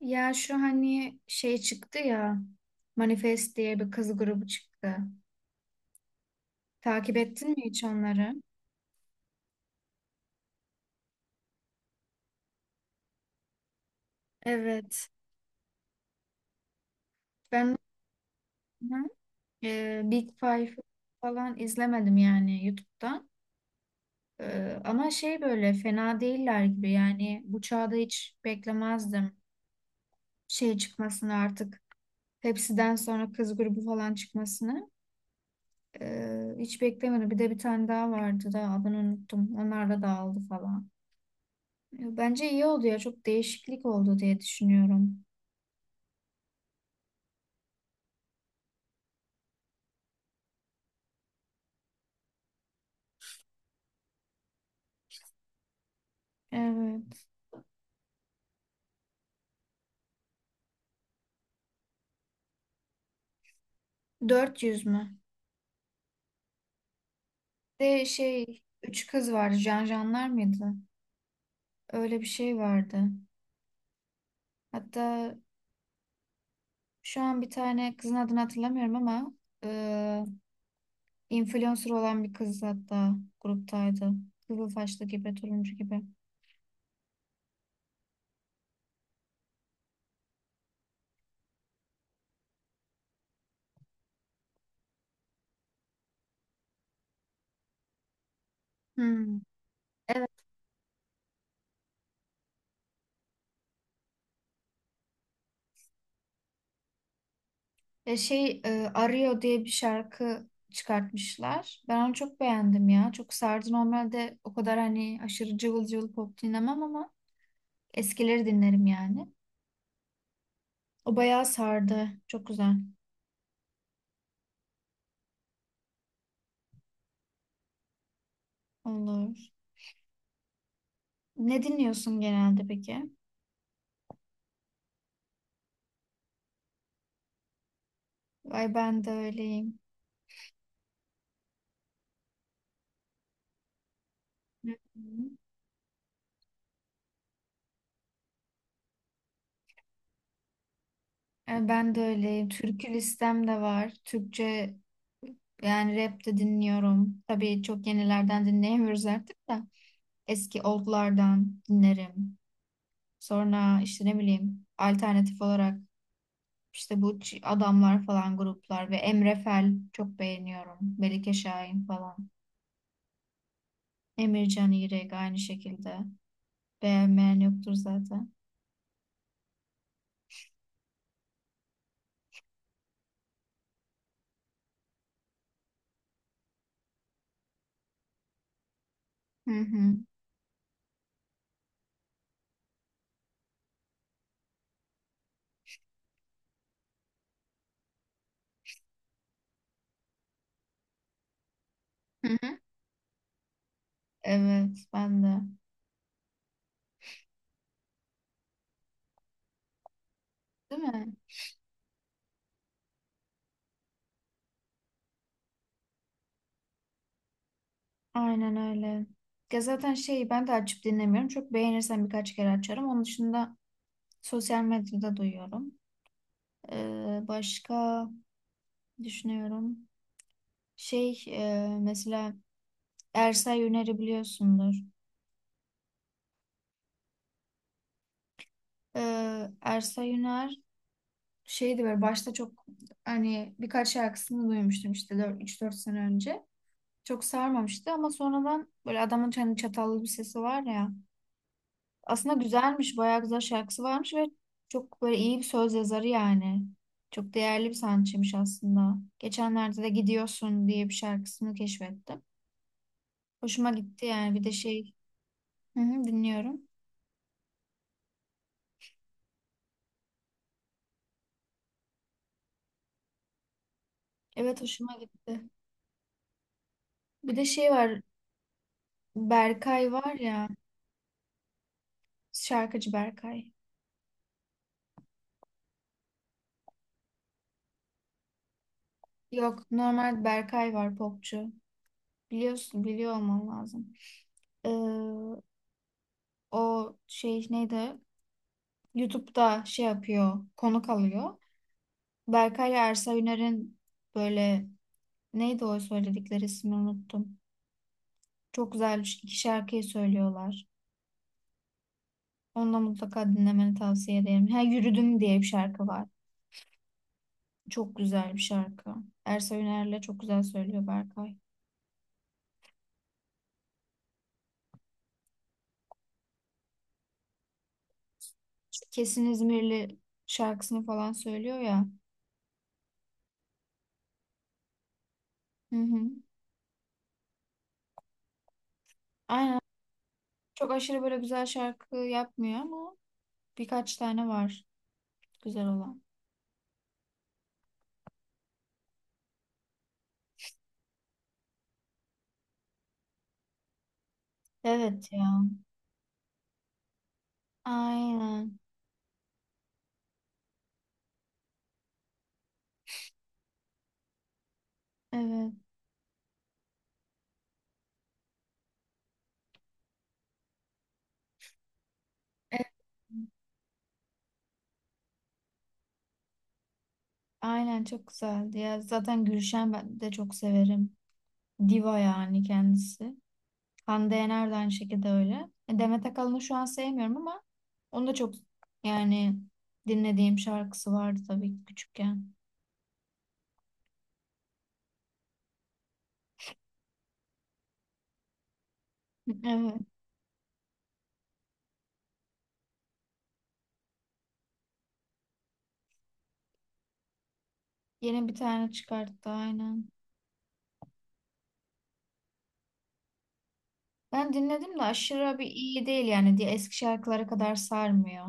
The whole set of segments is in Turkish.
Ya şu hani şey çıktı ya, Manifest diye bir kız grubu çıktı. Takip ettin mi hiç onları? Evet. Ben. Hı. Big Five falan izlemedim yani YouTube'da. E, ama şey böyle fena değiller gibi, yani bu çağda hiç beklemezdim şey çıkmasını artık. Hepsiden sonra kız grubu falan çıkmasını. E, hiç beklemedim. Bir de bir tane daha vardı da adını unuttum. Onlar da dağıldı falan. Bence iyi oldu ya. Çok değişiklik oldu diye düşünüyorum. Evet. 400 mü? De şey, üç kız vardı. Janjanlar mıydı? Öyle bir şey vardı. Hatta şu an bir tane kızın adını hatırlamıyorum ama e, influencer olan bir kız hatta gruptaydı. Kızılsaçlı gibi, turuncu gibi. Hmm. Evet. Arıyor diye bir şarkı çıkartmışlar. Ben onu çok beğendim ya. Çok sardı. Normalde o kadar hani aşırı cıvıl cıvıl pop dinlemem ama eskileri dinlerim yani. O bayağı sardı. Çok güzel. Olur. Ne dinliyorsun genelde peki? Ay ben de öyleyim. Hı hı. Ay ben de öyleyim. Türkü listem de var. Türkçe yani rap de dinliyorum. Tabii çok yenilerden dinleyemiyoruz artık da. Eski oldlardan dinlerim. Sonra işte ne bileyim alternatif olarak işte adamlar falan gruplar ve Emre Fel çok beğeniyorum. Melike Şahin falan. Emircan İrek aynı şekilde. Beğenmeyen yoktur zaten. Hı hı. Hı hı. Evet ben de. Değil mi? Aynen öyle. Ya zaten şeyi ben de açıp dinlemiyorum. Çok beğenirsem birkaç kere açarım. Onun dışında sosyal medyada duyuyorum. Başka düşünüyorum. Mesela Ersay Yüner'i biliyorsundur. Ersay Yüner şeydi böyle başta çok, hani birkaç şarkısını duymuştum işte 3 4 sene önce. Çok sarmamıştı ama sonradan böyle adamın hani çatallı bir sesi var ya. Aslında güzelmiş, bayağı güzel şarkısı varmış ve çok böyle iyi bir söz yazarı yani. Çok değerli bir sanatçıymış aslında. Geçenlerde de Gidiyorsun diye bir şarkısını keşfettim. Hoşuma gitti yani, bir de şey, hı hı, dinliyorum. Evet, hoşuma gitti. Bir de şey var, Berkay var ya, şarkıcı Berkay. Yok, normal Berkay var, popçu. Biliyorsun, biliyor olman lazım. O şey neydi? YouTube'da şey yapıyor, konuk alıyor. Berkay Ersa Üner'in böyle, neydi o söyledikleri, ismini unuttum. Çok güzel iki şarkıyı söylüyorlar. Onu da mutlaka dinlemeni tavsiye ederim. Ha Yürüdüm diye bir şarkı var. Çok güzel bir şarkı. Ersa Üner'le çok güzel söylüyor Berkay. İşte Kesin İzmirli şarkısını falan söylüyor ya. Hı hı. Aynen. Çok aşırı böyle güzel şarkı yapmıyor ama birkaç tane var güzel olan. Evet ya. Aynen. Evet. Evet. Aynen çok güzeldi ya. Zaten Gülşen ben de çok severim. Diva yani kendisi. Hande Yener de aynı şekilde öyle. Demet Akalın'ı şu an sevmiyorum ama onu da çok, yani dinlediğim şarkısı vardı tabii ki küçükken. Evet. Yeni bir tane çıkarttı aynen. Ben dinledim de aşırı bir iyi değil yani, diye eski şarkılara kadar sarmıyor.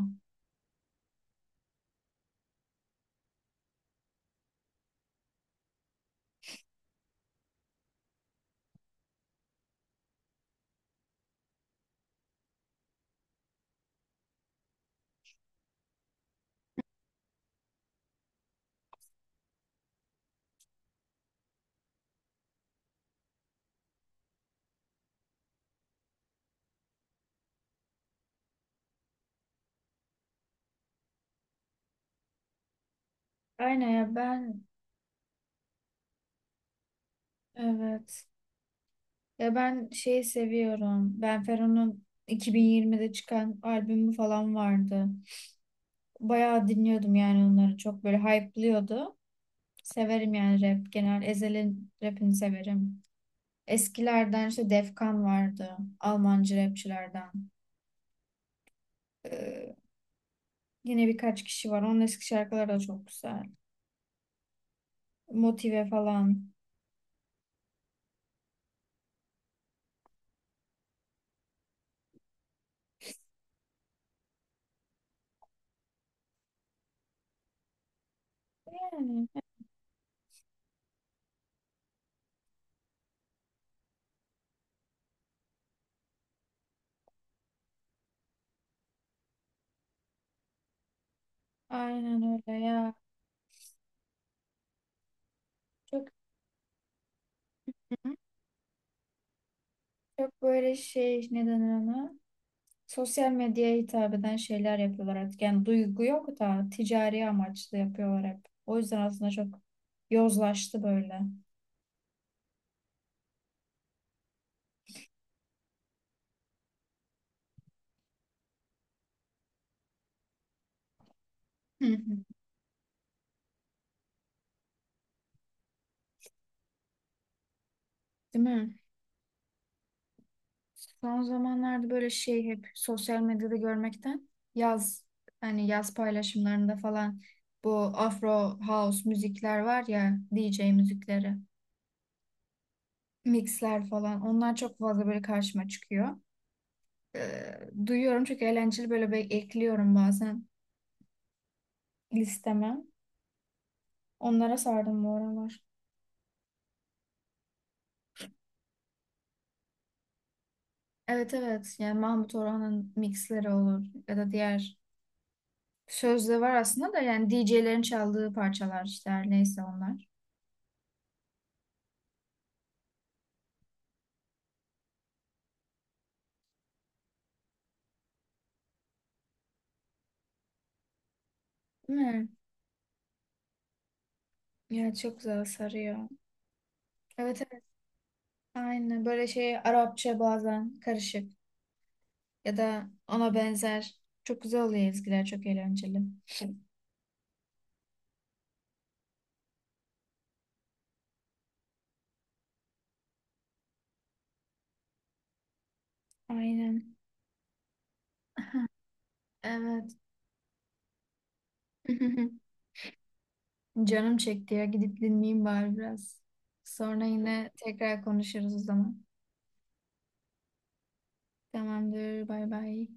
Aynen ya ben evet Ya ben şeyi seviyorum. Ben Fero'nun 2020'de çıkan albümü falan vardı. Bayağı dinliyordum yani onları. Çok böyle hype'lıyordu. Severim yani rap genel. Ezel'in rapini severim. Eskilerden işte Defkan vardı. Almancı rapçilerden. Ee, Yine birkaç kişi var. Onun eski şarkıları da çok güzel. Motive falan. Yani aynen öyle ya. Çok, böyle şey, ne denir ona? Sosyal medyaya hitap eden şeyler yapıyorlar artık. Yani duygu yok da ticari amaçlı yapıyorlar hep. O yüzden aslında çok yozlaştı böyle. Hı hı. Değil mi? Son zamanlarda böyle şey, hep sosyal medyada görmekten, yaz hani yaz paylaşımlarında falan, bu Afro House müzikler var ya, DJ müzikleri, mixler falan, onlar çok fazla böyle karşıma çıkıyor. Ee, Duyuyorum, çok eğlenceli, ekliyorum bazen listeme. Onlara sardım bu aralar. Evet evet, yani Mahmut Orhan'ın mixleri olur ya da diğer, sözde var aslında da, yani DJ'lerin çaldığı parçalar işte, her neyse onlar. Değil mi? Ya çok güzel sarıyor. Evet evet, aynı böyle şey, Arapça bazen karışık ya da ona benzer, çok güzel oluyor ezgiler, çok eğlenceli. Aynen. Evet. Canım çekti ya, gidip dinleyeyim bari biraz. Sonra yine tekrar konuşuruz o zaman. Tamamdır, bay bay.